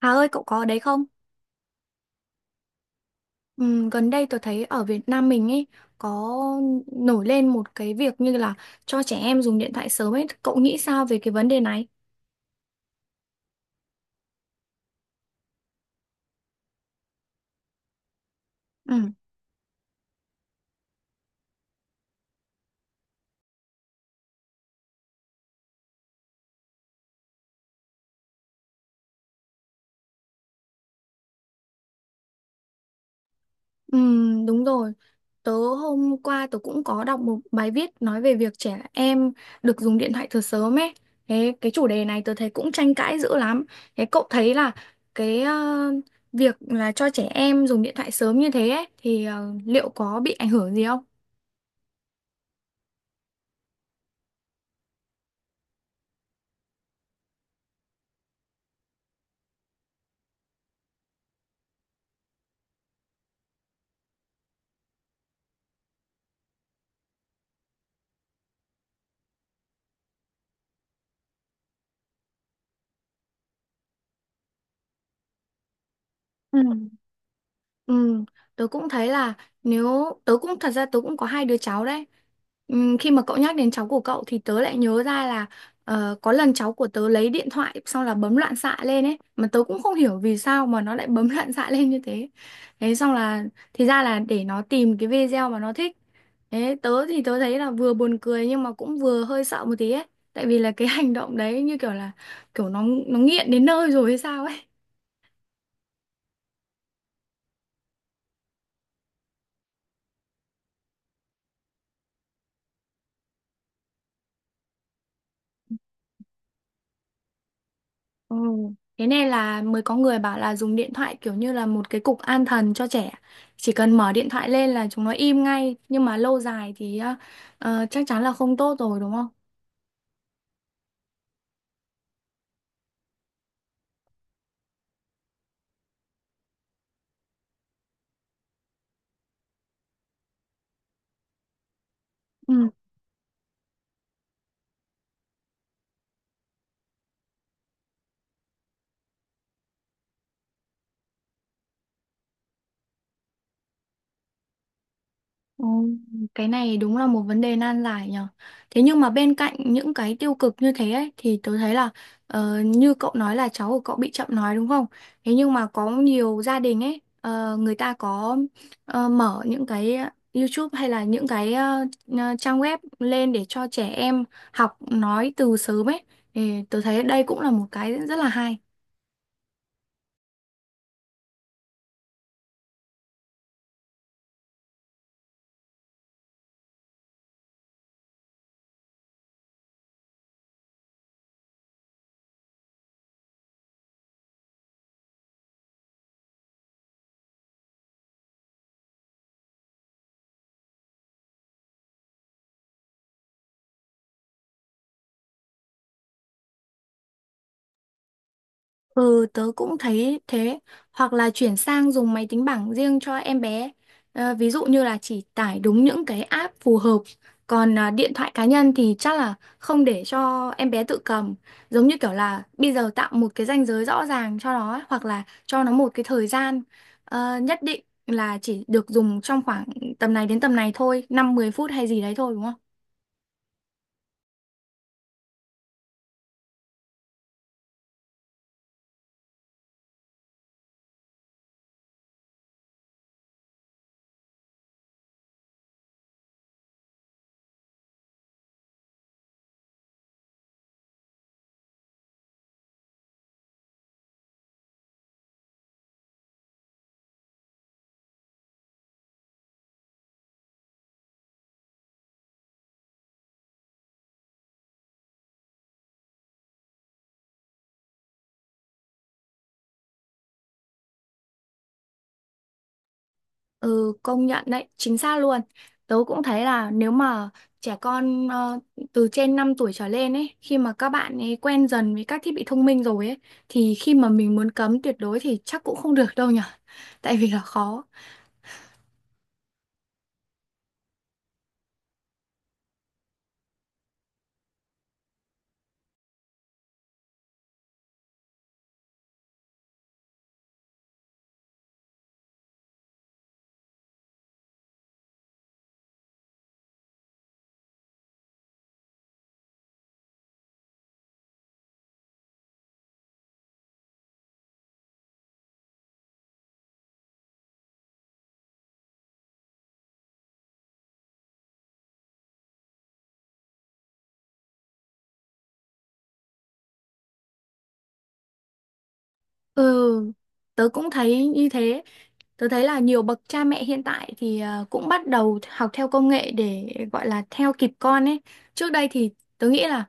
Hà ơi, cậu có ở đấy không? Gần đây tôi thấy ở Việt Nam mình ấy có nổi lên một cái việc như là cho trẻ em dùng điện thoại sớm ấy. Cậu nghĩ sao về cái vấn đề này? Ừ. Đúng rồi. Tớ hôm qua tớ cũng có đọc một bài viết nói về việc trẻ em được dùng điện thoại từ sớm ấy. Thế cái chủ đề này tớ thấy cũng tranh cãi dữ lắm. Thế cậu thấy là cái việc là cho trẻ em dùng điện thoại sớm như thế ấy thì liệu có bị ảnh hưởng gì không? Ừ. Ừ, tớ cũng thấy là nếu tớ cũng thật ra tớ cũng có hai đứa cháu đấy. Ừ, khi mà cậu nhắc đến cháu của cậu thì tớ lại nhớ ra là có lần cháu của tớ lấy điện thoại xong là bấm loạn xạ lên ấy, mà tớ cũng không hiểu vì sao mà nó lại bấm loạn xạ lên như thế. Thế xong là thì ra là để nó tìm cái video mà nó thích. Thế tớ thì tớ thấy là vừa buồn cười nhưng mà cũng vừa hơi sợ một tí ấy. Tại vì là cái hành động đấy như kiểu nó nghiện đến nơi rồi hay sao ấy. Ừ. Thế này là mới có người bảo là dùng điện thoại kiểu như là một cái cục an thần cho trẻ. Chỉ cần mở điện thoại lên là chúng nó im ngay. Nhưng mà lâu dài thì chắc chắn là không tốt rồi đúng không? Ừ. Ồ, cái này đúng là một vấn đề nan giải nhở. Thế nhưng mà bên cạnh những cái tiêu cực như thế ấy, thì tôi thấy là như cậu nói là cháu của cậu bị chậm nói đúng không? Thế nhưng mà có nhiều gia đình ấy, người ta có mở những cái YouTube hay là những cái trang web lên để cho trẻ em học nói từ sớm ấy. Thì tôi thấy đây cũng là một cái rất là hay. Ừ, tớ cũng thấy thế. Hoặc là chuyển sang dùng máy tính bảng riêng cho em bé. Ví dụ như là chỉ tải đúng những cái app phù hợp. Còn à, điện thoại cá nhân thì chắc là không để cho em bé tự cầm. Giống như kiểu là bây giờ tạo một cái ranh giới rõ ràng cho nó ấy, hoặc là cho nó một cái thời gian nhất định, là chỉ được dùng trong khoảng tầm này đến tầm này thôi, 5-10 phút hay gì đấy thôi đúng không? Ừ, công nhận đấy, chính xác luôn. Tớ cũng thấy là nếu mà trẻ con từ trên 5 tuổi trở lên ấy, khi mà các bạn ấy quen dần với các thiết bị thông minh rồi ấy, thì khi mà mình muốn cấm tuyệt đối thì chắc cũng không được đâu nhở. Tại vì là khó. Ừ, tớ cũng thấy như thế. Tớ thấy là nhiều bậc cha mẹ hiện tại thì cũng bắt đầu học theo công nghệ để gọi là theo kịp con ấy. Trước đây thì tớ nghĩ là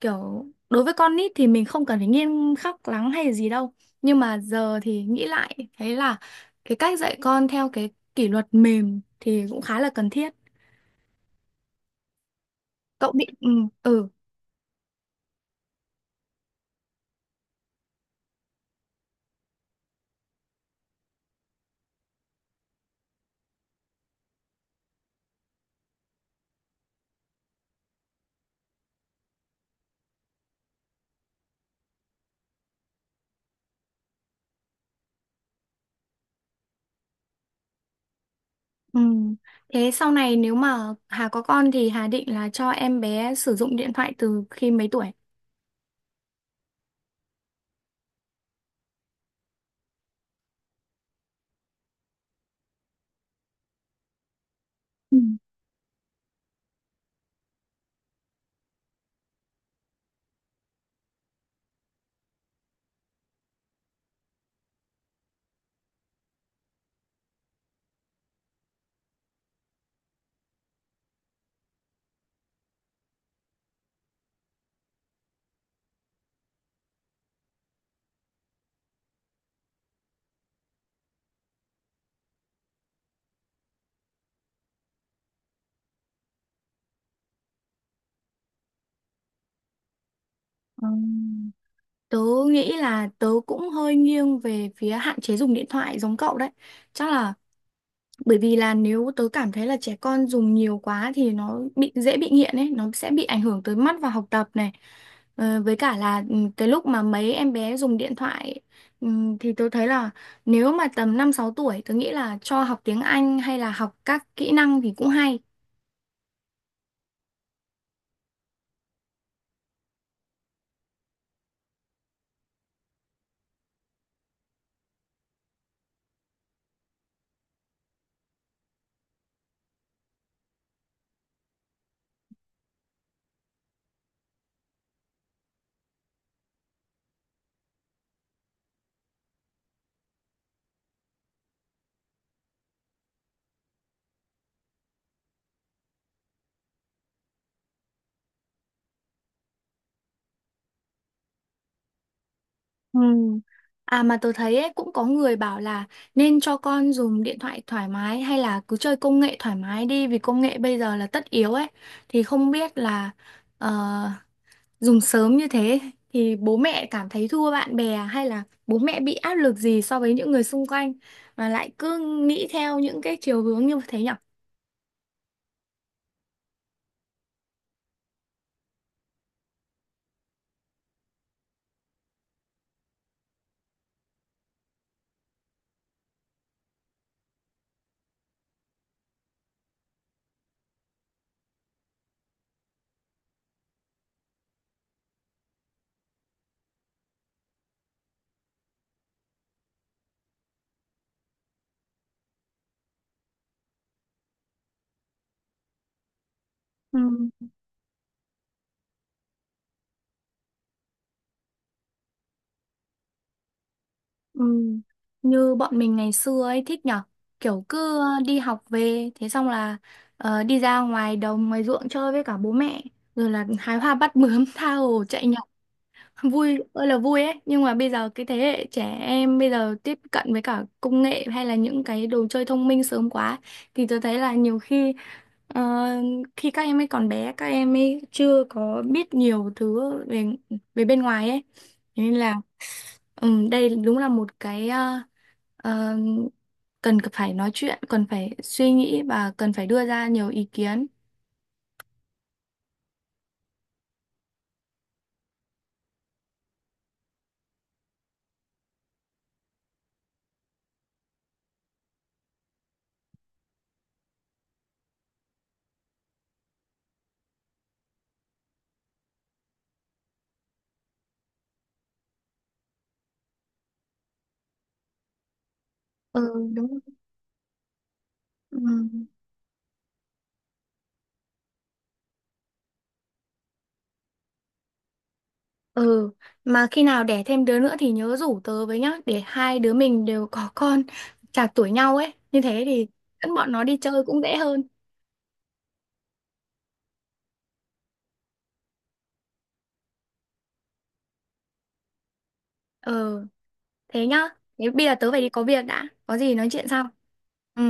kiểu đối với con nít thì mình không cần phải nghiêm khắc lắm hay gì đâu. Nhưng mà giờ thì nghĩ lại thấy là cái cách dạy con theo cái kỷ luật mềm thì cũng khá là cần thiết. Cậu định Ừ, ừ, ừ. Thế sau này nếu mà Hà có con thì Hà định là cho em bé sử dụng điện thoại từ khi mấy tuổi? Ừ. Ờ, Tớ nghĩ là tớ cũng hơi nghiêng về phía hạn chế dùng điện thoại giống cậu đấy. Chắc là bởi vì là nếu tớ cảm thấy là trẻ con dùng nhiều quá thì nó bị dễ bị nghiện ấy, nó sẽ bị ảnh hưởng tới mắt và học tập này. Với cả là cái lúc mà mấy em bé dùng điện thoại, ừ, thì tớ thấy là nếu mà tầm 5-6 tuổi tớ nghĩ là cho học tiếng Anh hay là học các kỹ năng thì cũng hay. Ừ. À mà tôi thấy ấy, cũng có người bảo là nên cho con dùng điện thoại thoải mái hay là cứ chơi công nghệ thoải mái đi, vì công nghệ bây giờ là tất yếu ấy, thì không biết là ờ, dùng sớm như thế thì bố mẹ cảm thấy thua bạn bè hay là bố mẹ bị áp lực gì so với những người xung quanh mà lại cứ nghĩ theo những cái chiều hướng như thế nhở? Ừ. Như bọn mình ngày xưa ấy thích nhở, kiểu cứ đi học về thế xong là đi ra ngoài đồng ngoài ruộng chơi với cả bố mẹ, rồi là hái hoa bắt bướm tha hồ chạy nhảy, vui ơi là vui ấy, nhưng mà bây giờ cái thế hệ trẻ em bây giờ tiếp cận với cả công nghệ hay là những cái đồ chơi thông minh sớm quá, thì tôi thấy là nhiều khi. Ờ, khi các em ấy còn bé, các em ấy chưa có biết nhiều thứ về về bên ngoài ấy. Thế nên là đây đúng là một cái ờ, cần phải nói chuyện, cần phải suy nghĩ và cần phải đưa ra nhiều ý kiến. Ừ, đúng rồi. Ừ. Ừ, mà khi nào đẻ thêm đứa nữa thì nhớ rủ tớ với nhá, để hai đứa mình đều có con chạc tuổi nhau ấy, như thế thì dẫn bọn nó đi chơi cũng dễ hơn. Ừ. Thế nhá. Thế bây giờ tớ phải đi có việc đã. Có gì nói chuyện sau. Ừ.